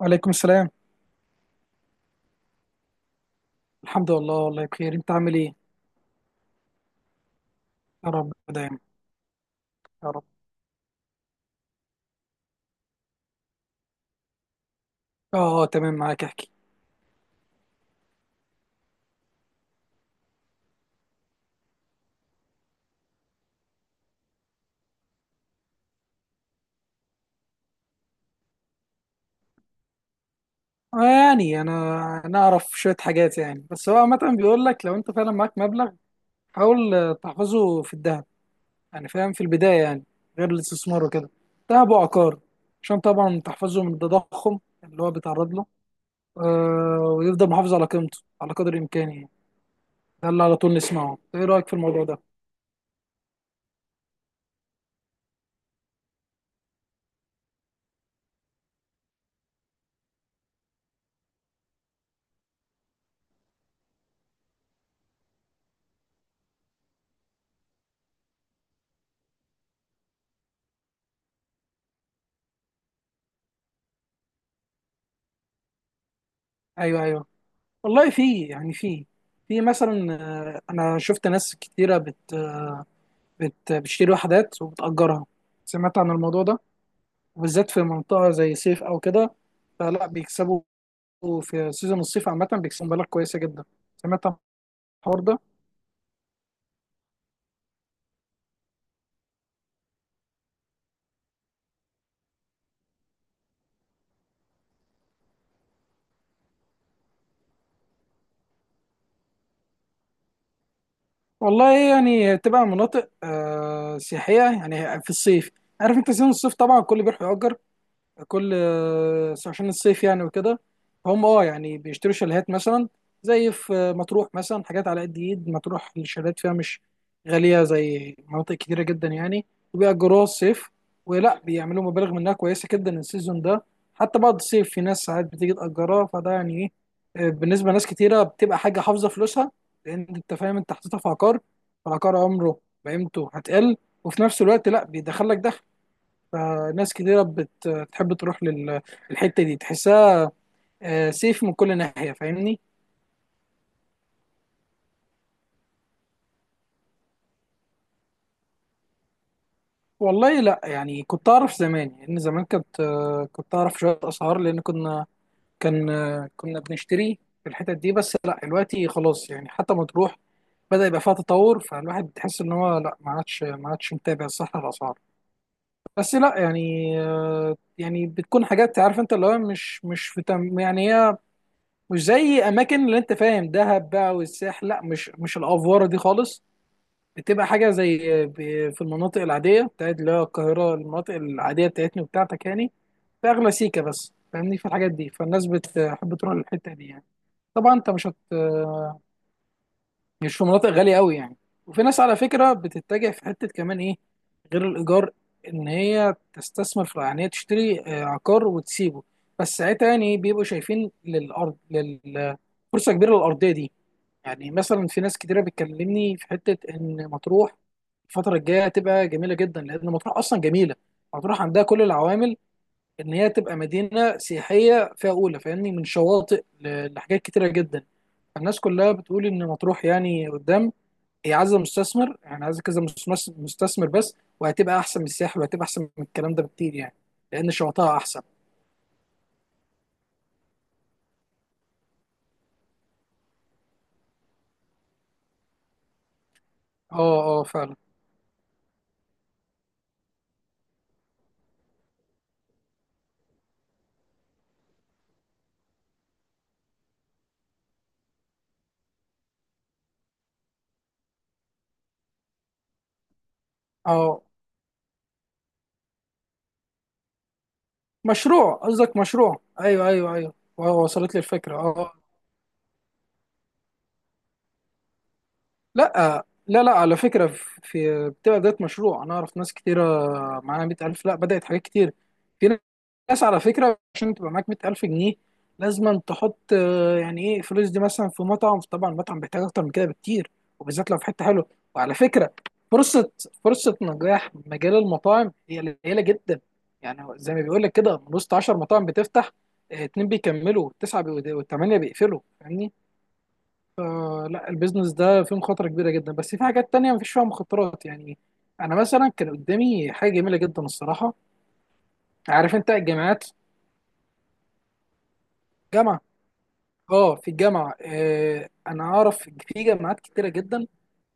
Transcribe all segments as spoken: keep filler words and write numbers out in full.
وعليكم السلام. الحمد لله والله بخير، انت عامل ايه؟ يا رب دايما. يا رب. اه اه تمام، معاك احكي. آه، يعني انا انا اعرف شويه حاجات يعني، بس هو عامه بيقول لك لو انت فعلا معاك مبلغ، حاول آه، تحفظه في الذهب. يعني فاهم، في البدايه يعني غير الاستثمار وكده، ذهب وعقار، عشان طبعا تحفظه من التضخم اللي هو بيتعرض له. آه، ويفضل محافظ على قيمته على قدر الامكان يعني. ده اللي على طول نسمعه، ايه رايك في الموضوع ده؟ ايوه ايوه. والله في يعني، في في مثلا، آه، انا شفت ناس كتيره بت بت بتشتري وحدات وبتأجرها. سمعت عن الموضوع ده، وبالذات في منطقه زي صيف او كده. فلا بيكسبوا، في سيزون الصيف عامه بيكسبوا مبالغ كويسه جدا. سمعت عن الحوار ده. والله يعني تبقى مناطق آه، سياحيه يعني في الصيف. عارف انت سيزون الصيف، طبعا الكل بيروح يأجر كل آه، عشان الصيف يعني وكده. هم اه يعني بيشتروا شاليهات مثلا، زي في آه، مطروح مثلا. حاجات على قد ايد، مطروح الشاليهات فيها مش غالية زي مناطق كتيرة جدا يعني، وبيأجروها الصيف، ولا بيعملوا مبالغ منها كويسة جدا السيزون ده. حتى بعد الصيف في ناس ساعات بتيجي تأجرها، فده يعني ايه، آه، بالنسبة لناس كتيرة بتبقى حاجة حافظة فلوسها، لأن أنت فاهم أنت حطيتها في عقار، فالعقار عمره بقيمته هتقل، وفي نفس الوقت لا بيدخلك دخل. فناس كتيرة بت- بتحب تروح لل- للحتة دي، تحسها آه، سيف من كل ناحية، فاهمني. والله لا يعني، كنت أعرف زمان، لأن زمان كنت آه، كنت أعرف شوية أسعار، لأن كنا كان آه، كنا بنشتري في الحتت دي، بس لا دلوقتي خلاص يعني. حتى ما تروح بدأ يبقى فيها تطور، فالواحد بتحس إن هو لا، ما عادش ما عادش متابع صح الأسعار. بس لا يعني، آه، يعني بتكون حاجات عارف أنت، اللي هو مش مش في تم يعني. هي مش زي اماكن اللي انت فاهم، دهب بقى والساحل، لا مش مش الافواره دي خالص. بتبقى حاجه زي، ب- في المناطق العاديه بتاعت، اللي هي القاهره، المناطق العاديه بتاعتنا وبتاعتك يعني، باغلى سيكه، بس فاهمني في الحاجات دي. فالناس بتحب تروح للحته دي يعني. طبعا انت مش هت مش في مناطق غاليه قوي يعني. وفي ناس على فكره بتتجه في حته كمان ايه، غير الايجار، ان هي تستثمر في، يعني هي تشتري آه، عقار وتسيبه، بس ساعتها يعني إيه، بيبقوا شايفين للارض، لل فرصه كبيره للارضيه دي. يعني مثلا في ناس كتيرة بتكلمني في حتة إن مطروح الفترة الجاية هتبقى جميلة جدا، لأن مطروح أصلا جميلة. مطروح عندها كل العوامل إن هي تبقى مدينة سياحية فيها أولى، فاهمني، من شواطئ ل- لحاجات كتيرة جدا. الناس كلها بتقول إن مطروح يعني قدام هي عايزة مستثمر، يعني عايزة كذا مستثمر، مستثمر بس، وهتبقى أحسن من الساحل وهتبقى أحسن من الكلام ده بكتير يعني، لأن شواطئها أحسن. أه أه فعلا. أه مشروع، قصدك مشروع، أيوه أيوه أيوه، و- وصلت لي الفكرة أه آه. لا لا لا على فكرة، في في- بتبقى بداية مشروع. أنا أعرف ناس كتيرة معاها مئة ألف لا بدأت حاجات كتير. في ناس على فكرة، عشان تبقى معاك مئة ألف جنيه لازم تحط آه، يعني إيه فلوس دي مثلا في مطعم. طبعا المطعم بيحتاج أكتر من كده بكتير، وبالذات لو في حتة حلوة. وعلى فكرة، فرصة فرصة نجاح مجال المطاعم هي قليلة جدا. يعني هو زي ما بيقول لك كده، من وسط عشرة مطاعم بتفتح، آه، اتنين بيكملوا، تسعة بي- وثمانية بيقفلوا، فاهمني. لا البيزنس ده فيه مخاطرة كبيرة جدا، بس في حاجات تانية مفيش فيها مخاطرات يعني. أنا مثلا كان قدامي حاجة جميلة جدا الصراحة، عارف أنت الجامعات. جامعة. أه في الجامعة، آه، أنا أعرف في جامعات كتيرة جدا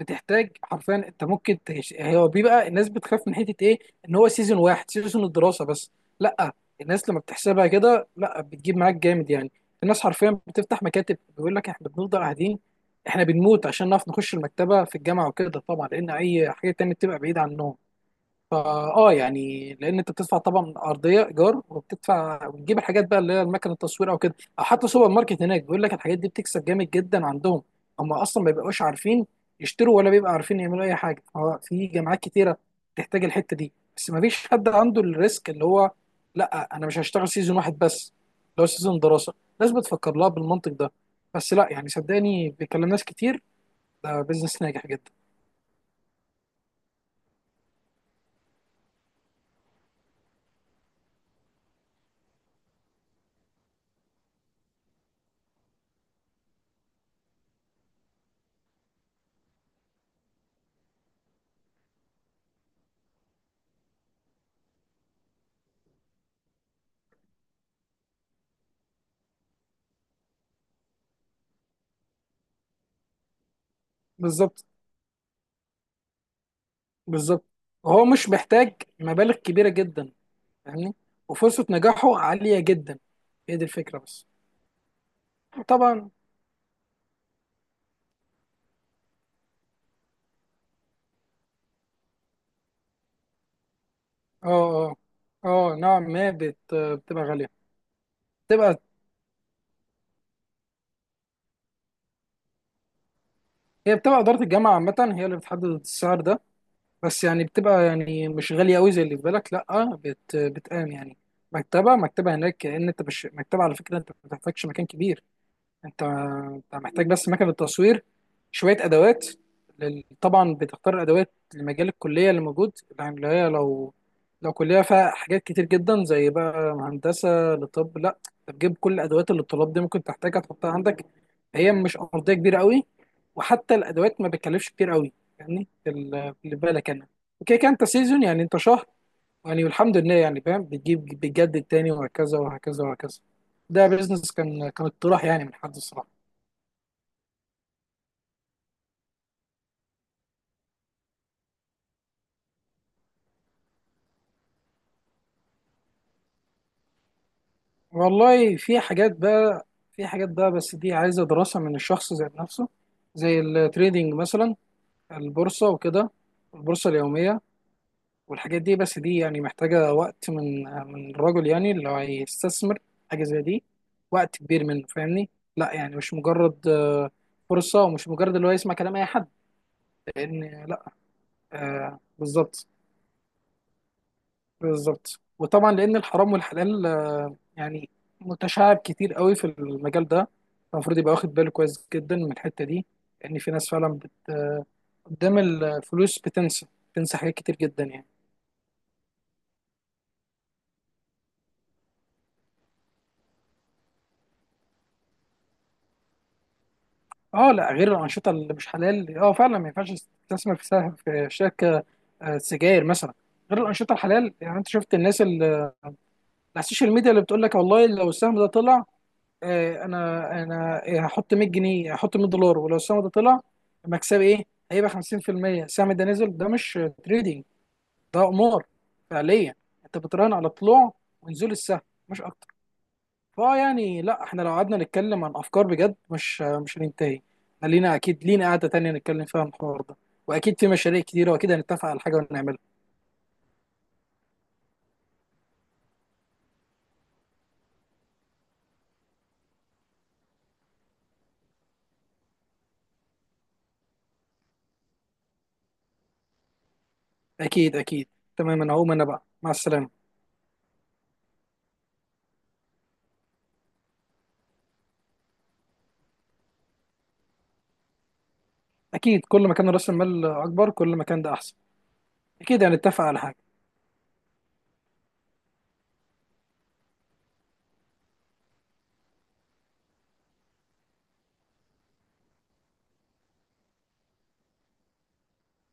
بتحتاج حرفيا، انت ممكن تش... هو بيبقى الناس بتخاف من حته ايه، ان هو سيزون واحد، سيزون الدراسه بس. لا الناس لما بتحسبها كده لا، بتجيب معاك جامد يعني. الناس حرفيا بتفتح مكاتب بيقول لك احنا بنفضل قاعدين، احنا بنموت عشان نعرف نخش المكتبه في الجامعه وكده، طبعا لان اي حاجه تانية بتبقى بعيده عنهم. فا اه يعني، لان انت بتدفع طبعا ارضيه ايجار، وبتدفع وتجيب الحاجات بقى اللي هي المكنه التصوير او كده، او حتى سوبر ماركت هناك، بيقول لك الحاجات دي بتكسب جامد جدا عندهم. هم اصلا ما بيبقوش عارفين يشتروا، ولا بيبقى عارفين يعملوا اي حاجه. هو في جامعات كتيره تحتاج الحته دي، بس ما فيش حد عنده الريسك اللي هو، لا انا مش هشتغل سيزون واحد بس اللي هو سيزون دراسه. الناس بتفكر لها بالمنطق ده. بس لا يعني، صدقني بيكلم ناس كتير، ده بيزنس ناجح جدا. بالظبط بالظبط. هو مش محتاج مبالغ كبيرة جدا، فاهمني، وفرصة نجاحه عالية جدا. هي دي الفكرة بس. طبعا. اه اه. اه نوعا ما بت... بتبقى غالية. بتبقى، هي بتبقى إدارة الجامعة عامة هي اللي بتحدد السعر ده. بس يعني بتبقى يعني مش غالية أوي زي اللي في بالك، لأ بت... بتقام يعني مكتبة. مكتبة هناك كأن أنت مش مكتبة، على فكرة أنت ما بتحتاجش مكان كبير. انت انت محتاج بس مكنه تصوير، شويه ادوات لل... طبعا بتختار الادوات لمجال الكليه اللي موجود، يعني اللي هي لو، لو كليه فيها حاجات كتير جدا زي بقى هندسه لطب، لا انت بتجيب كل الادوات اللي الطلاب دي ممكن تحتاجها تحطها عندك. هي مش ارضيه كبيره قوي، وحتى الادوات ما بتكلفش كتير قوي يعني. ال- اللي بالك انا اوكي كان، انت سيزون يعني انت شهر يعني، والحمد لله يعني فاهم، بتجيب بتجدد تاني وهكذا وهكذا وهكذا. ده بيزنس، كان كان اقتراح يعني من حد الصراحه. والله في حاجات بقى، في حاجات بقى بس دي عايزة دراسة من الشخص ذات نفسه، زي التريدينج مثلا، البورصة وكده، البورصة اليومية والحاجات دي، بس دي يعني محتاجة وقت من من الرجل يعني اللي هيستثمر حاجة زي دي، وقت كبير منه فاهمني. لا يعني مش مجرد آه، فرصة، ومش مجرد اللي هو يسمع كلام أي حد، لأن لا. آه، بالظبط بالظبط. وطبعا لان الحرام والحلال آه، يعني متشعب كتير قوي في المجال ده، المفروض يبقى واخد باله كويس جدا من الحته دي، لان في ناس فعلا بت... آه، قدام الفلوس بتنسى، بتنسى حاجات كتير جدا يعني. اه لا، غير الانشطه اللي مش حلال اه فعلا ما ينفعش تستثمر في سهم في شركه آه، سجاير مثلا، غير الانشطه الحلال يعني. انت شفت الناس اللي على السوشيال ميديا اللي بتقول لك والله لو السهم ده طلع، آه، انا انا هحط مية جنيه، هحط مية دولار، ولو السهم ده طلع مكسبي ايه، هيبقى خمسين في المية. السهم ده نزل، ده مش تريدينج، ده قمار فعليا. انت بتراهن على طلوع ونزول السهم مش اكتر. فاه يعني لا، احنا لو قعدنا نتكلم عن افكار بجد مش مش هننتهي. احنا لينا، اكيد لينا قعده تانية نتكلم فيها عن الحوار ده، واكيد في مشاريع كتيره، واكيد هنتفق على حاجه ونعملها. اكيد اكيد. تمام، انا هقوم انا بقى مع السلامه. اكيد كل ما كان راس المال اكبر كل ما كان ده احسن. اكيد هنتفق على حاجه.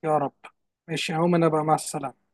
يا رب. ماشي هقوم انا بقى مع السلامة.